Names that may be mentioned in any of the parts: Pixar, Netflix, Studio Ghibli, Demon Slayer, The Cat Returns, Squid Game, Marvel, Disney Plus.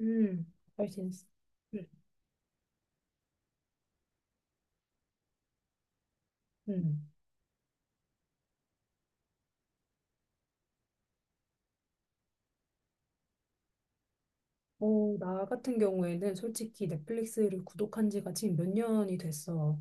음, 잘 지냈어. 음. 음. 나 같은 경우에는 솔직히 넷플릭스를 구독한 지가 지금 몇 년이 됐어.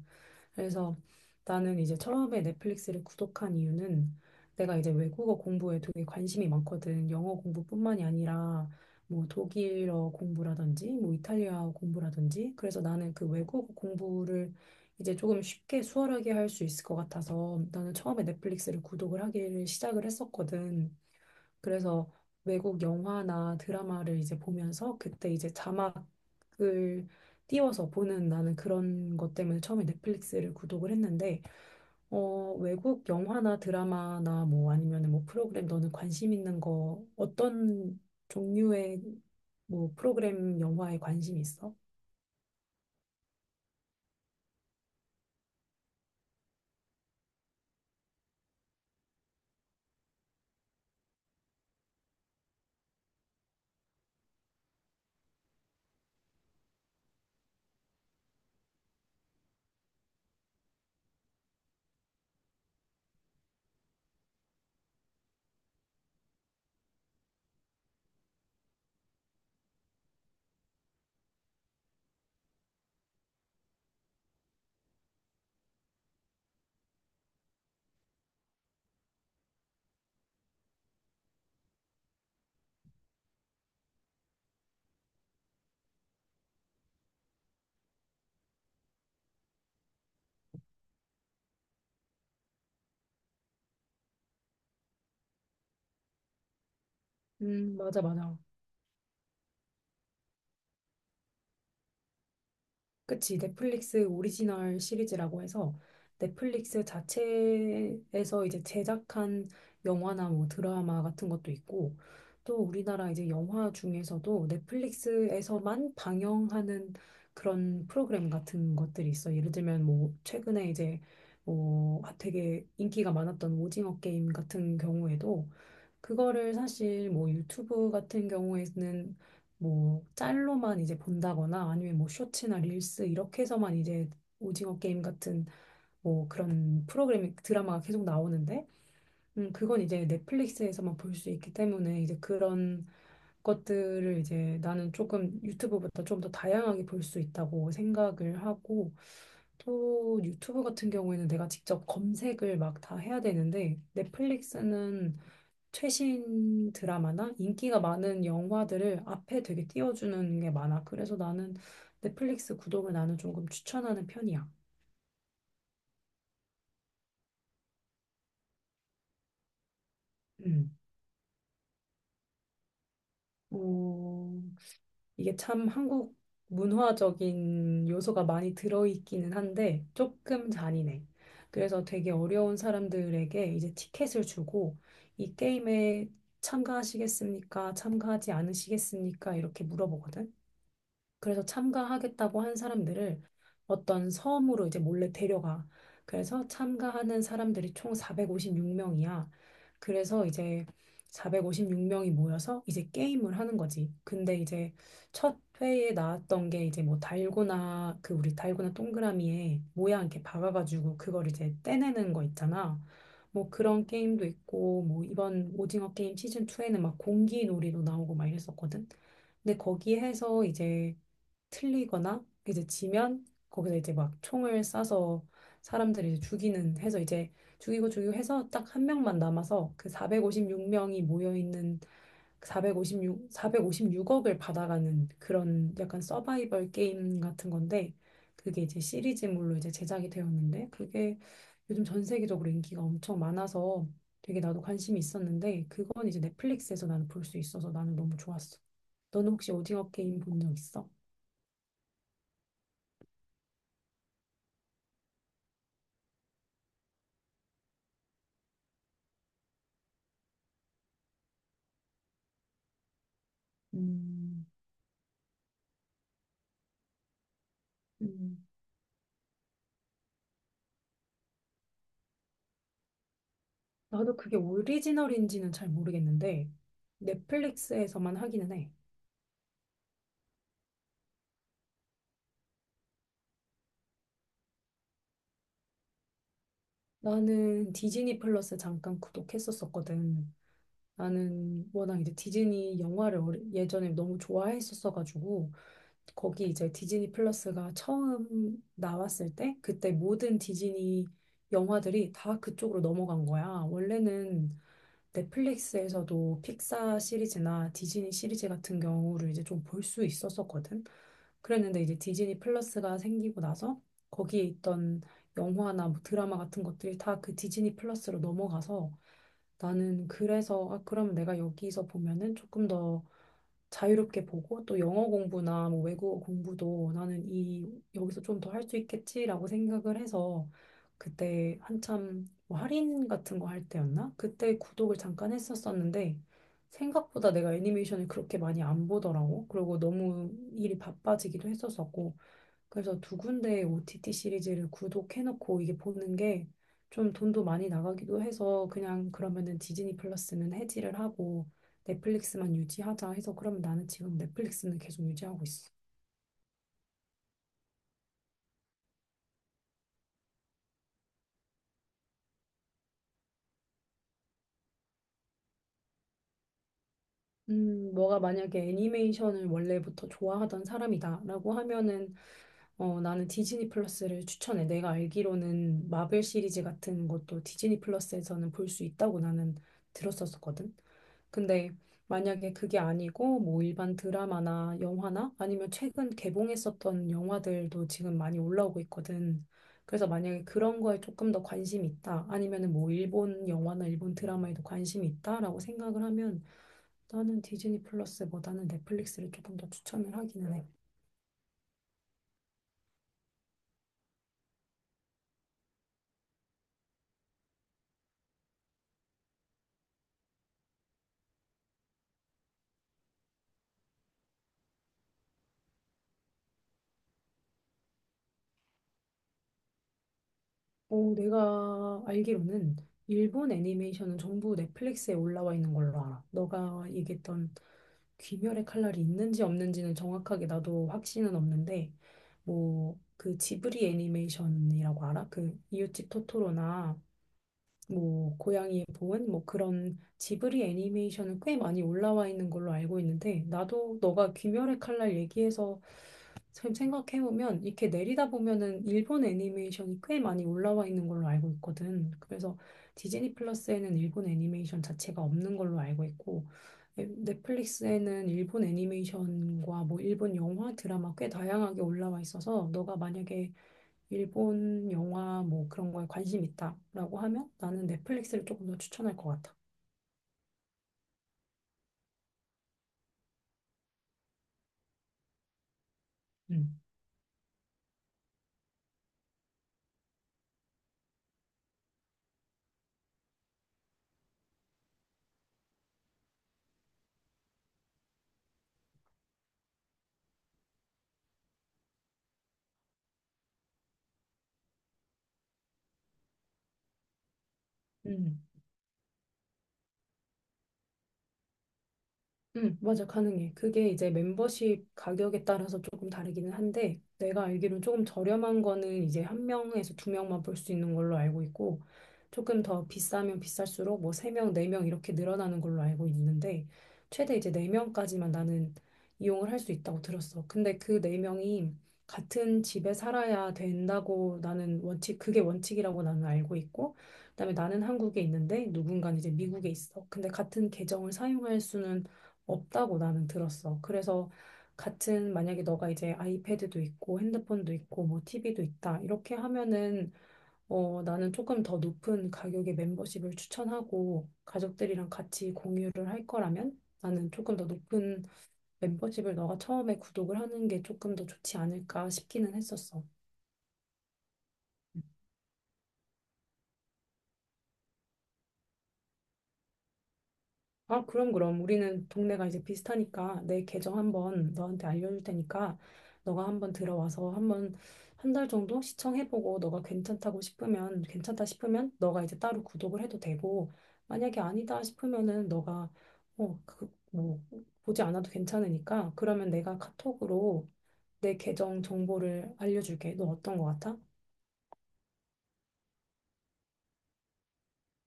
그래서 나는 이제 처음에 넷플릭스를 구독한 이유는 내가 이제 외국어 공부에 되게 관심이 많거든. 영어 공부뿐만이 아니라 뭐 독일어 공부라든지 뭐 이탈리아어 공부라든지. 그래서 나는 그 외국어 공부를 이제 조금 쉽게 수월하게 할 수 있을 것 같아서 나는 처음에 넷플릭스를 구독을 하기를 시작을 했었거든. 그래서 외국 영화나 드라마를 이제 보면서 그때 이제 자막을 띄워서 보는 나는 그런 것 때문에 처음에 넷플릭스를 구독을 했는데, 외국 영화나 드라마나 뭐 아니면 뭐 프로그램, 너는 관심 있는 거 어떤 종류의 뭐 프로그램 영화에 관심 있어? 맞아, 맞아. 그치, 넷플릭스 오리지널 시리즈라고 해서 넷플릭스 자체에서 이제 제작한 영화나 뭐 드라마 같은 것도 있고, 또 우리나라 이제 영화 중에서도 넷플릭스에서만 방영하는 그런 프로그램 같은 것들이 있어. 예를 들면 뭐 최근에 이제 뭐 되게 인기가 많았던 오징어 게임 같은 경우에도 그거를 사실 뭐 유튜브 같은 경우에는 뭐 짤로만 이제 본다거나 아니면 뭐 쇼츠나 릴스 이렇게 해서만 이제 오징어 게임 같은 뭐 그런 프로그램 드라마가 계속 나오는데, 그건 이제 넷플릭스에서만 볼 수 있기 때문에 이제 그런 것들을 이제 나는 조금 유튜브보다 좀 더 다양하게 볼 수 있다고 생각을 하고, 또 유튜브 같은 경우에는 내가 직접 검색을 막 다 해야 되는데 넷플릭스는 최신 드라마나 인기가 많은 영화들을 앞에 되게 띄워주는 게 많아. 그래서 나는 넷플릭스 구독을 나는 조금 추천하는 편이야. 음. 어, 이게 참 한국 문화적인 요소가 많이 들어있기는 한데 조금 잔인해. 그래서 되게 어려운 사람들에게 이제 티켓을 주고 이 게임에 참가하시겠습니까? 참가하지 않으시겠습니까? 이렇게 물어보거든. 그래서 참가하겠다고 한 사람들을 어떤 섬으로 이제 몰래 데려가. 그래서 참가하는 사람들이 총 456명이야. 그래서 이제 456명이 모여서 이제 게임을 하는 거지. 근데 이제 첫 회에 나왔던 게 이제 뭐 달고나, 그 우리 달고나 동그라미에 모양 이렇게 박아가지고 그걸 이제 떼내는 거 있잖아. 뭐 그런 게임도 있고, 뭐 이번 오징어 게임 시즌 2에는 막 공기놀이도 나오고 막 이랬었거든. 근데 거기에서 이제 틀리거나 이제 지면 거기서 이제 막 총을 쏴서 사람들을 이제 죽이는 해서 이제 죽이고 죽이고 해서 딱 한 명만 남아서 그 456명이 모여 있는 456오십육억을 받아가는 그런 약간 서바이벌 게임 같은 건데, 그게 이제 시리즈물로 이제 제작이 되었는데 그게 요즘 전 세계적으로 인기가 엄청 많아서 되게 나도 관심이 있었는데 그건 이제 넷플릭스에서 나는 볼 수 있어서 나는 너무 좋았어. 너는 혹시 오징어 게임 본 적 있어? 음, 음, 나도 그게 오리지널인지는 잘 모르겠는데 넷플릭스에서만 하기는 해. 나는 디즈니 플러스 잠깐 구독했었었거든. 나는 워낙 이제 디즈니 영화를 예전에 너무 좋아했었어가지고 거기 이제 디즈니 플러스가 처음 나왔을 때 그때 모든 디즈니 영화들이 다 그쪽으로 넘어간 거야. 원래는 넷플릭스에서도 픽사 시리즈나 디즈니 시리즈 같은 경우를 이제 좀 볼 수 있었었거든. 그랬는데 이제 디즈니 플러스가 생기고 나서 거기에 있던 영화나 뭐 드라마 같은 것들이 다 그 디즈니 플러스로 넘어가서 나는 그래서 아, 그럼 내가 여기서 보면은 조금 더 자유롭게 보고 또 영어 공부나 뭐 외국어 공부도 나는 이 여기서 좀 더 할 수 있겠지라고 생각을 해서 그때 한참 뭐 할인 같은 거 할 때였나? 그때 구독을 잠깐 했었었는데 생각보다 내가 애니메이션을 그렇게 많이 안 보더라고. 그리고 너무 일이 바빠지기도 했었었고 그래서 2군데의 OTT 시리즈를 구독해놓고 이게 보는 게 좀 돈도 많이 나가기도 해서 그냥 그러면은 디즈니 플러스는 해지를 하고 넷플릭스만 유지하자 해서 그러면 나는 지금 넷플릭스는 계속 유지하고 있어. 너가 만약에 애니메이션을 원래부터 좋아하던 사람이다라고 하면은 나는 디즈니 플러스를 추천해. 내가 알기로는 마블 시리즈 같은 것도 디즈니 플러스에서는 볼 수 있다고 나는 들었었거든. 근데 만약에 그게 아니고 뭐 일반 드라마나 영화나 아니면 최근 개봉했었던 영화들도 지금 많이 올라오고 있거든. 그래서 만약에 그런 거에 조금 더 관심이 있다. 아니면은 뭐 일본 영화나 일본 드라마에도 관심이 있다라고 생각을 하면 나는 디즈니 플러스보다는 넷플릭스를 조금 더 추천을 하기는 해. 내가 알기로는 일본 애니메이션은 전부 넷플릭스에 올라와 있는 걸로 알아. 너가 얘기했던 귀멸의 칼날이 있는지 없는지는 정확하게 나도 확신은 없는데, 뭐, 그 지브리 애니메이션이라고 알아? 그 이웃집 토토로나 뭐 고양이의 보은 뭐 그런 지브리 애니메이션은 꽤 많이 올라와 있는 걸로 알고 있는데, 나도 너가 귀멸의 칼날 얘기해서 지금 생각해보면 이렇게 내리다 보면은 일본 애니메이션이 꽤 많이 올라와 있는 걸로 알고 있거든. 그래서 디즈니 플러스에는 일본 애니메이션 자체가 없는 걸로 알고 있고, 넷플릭스에는 일본 애니메이션과 뭐 일본 영화, 드라마 꽤 다양하게 올라와 있어서 너가 만약에 일본 영화 뭐 그런 거에 관심 있다라고 하면 나는 넷플릭스를 조금 더 추천할 것 같아. 음. 음. 응, 맞아, 가능해. 그게 이제 멤버십 가격에 따라서 조금 다르기는 한데, 내가 알기로는 조금 저렴한 거는 이제 한 명에서 2명만 볼 수 있는 걸로 알고 있고, 조금 더 비싸면 비쌀수록 뭐 3명, 4명 이렇게 늘어나는 걸로 알고 있는데, 최대 이제 4명까지만 나는 이용을 할 수 있다고 들었어. 근데 그 4명이 같은 집에 살아야 된다고 나는 원칙, 그게 원칙이라고 나는 알고 있고, 그다음에 나는 한국에 있는데 누군가는 이제 미국에 있어. 근데 같은 계정을 사용할 수는 없다고 나는 들었어. 그래서 같은 만약에 너가 이제 아이패드도 있고 핸드폰도 있고 뭐 TV도 있다 이렇게 하면은 나는 조금 더 높은 가격의 멤버십을 추천하고 가족들이랑 같이 공유를 할 거라면 나는 조금 더 높은 멤버십을 너가 처음에 구독을 하는 게 조금 더 좋지 않을까 싶기는 했었어. 아, 그럼, 그럼. 우리는 동네가 이제 비슷하니까 내 계정 한번 너한테 알려줄 테니까 너가 한번 들어와서 한번 한 달 정도 시청해보고 너가 괜찮다고 싶으면, 괜찮다 싶으면 너가 이제 따로 구독을 해도 되고, 만약에 아니다 싶으면은 너가 그, 뭐, 보지 않아도 괜찮으니까 그러면 내가 카톡으로 내 계정 정보를 알려줄게. 너 어떤 거 같아?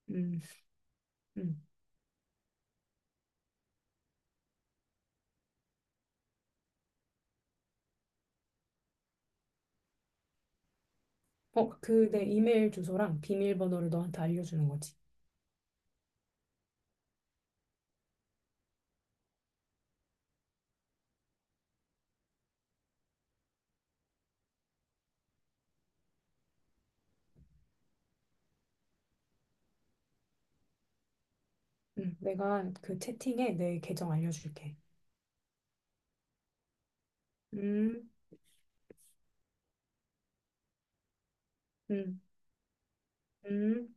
음, 음. 그 내 이메일 주소랑 비밀번호를 너한테 알려주는 거지. 응, 내가 그 채팅에 내 계정 알려줄게. 음, 음, 음.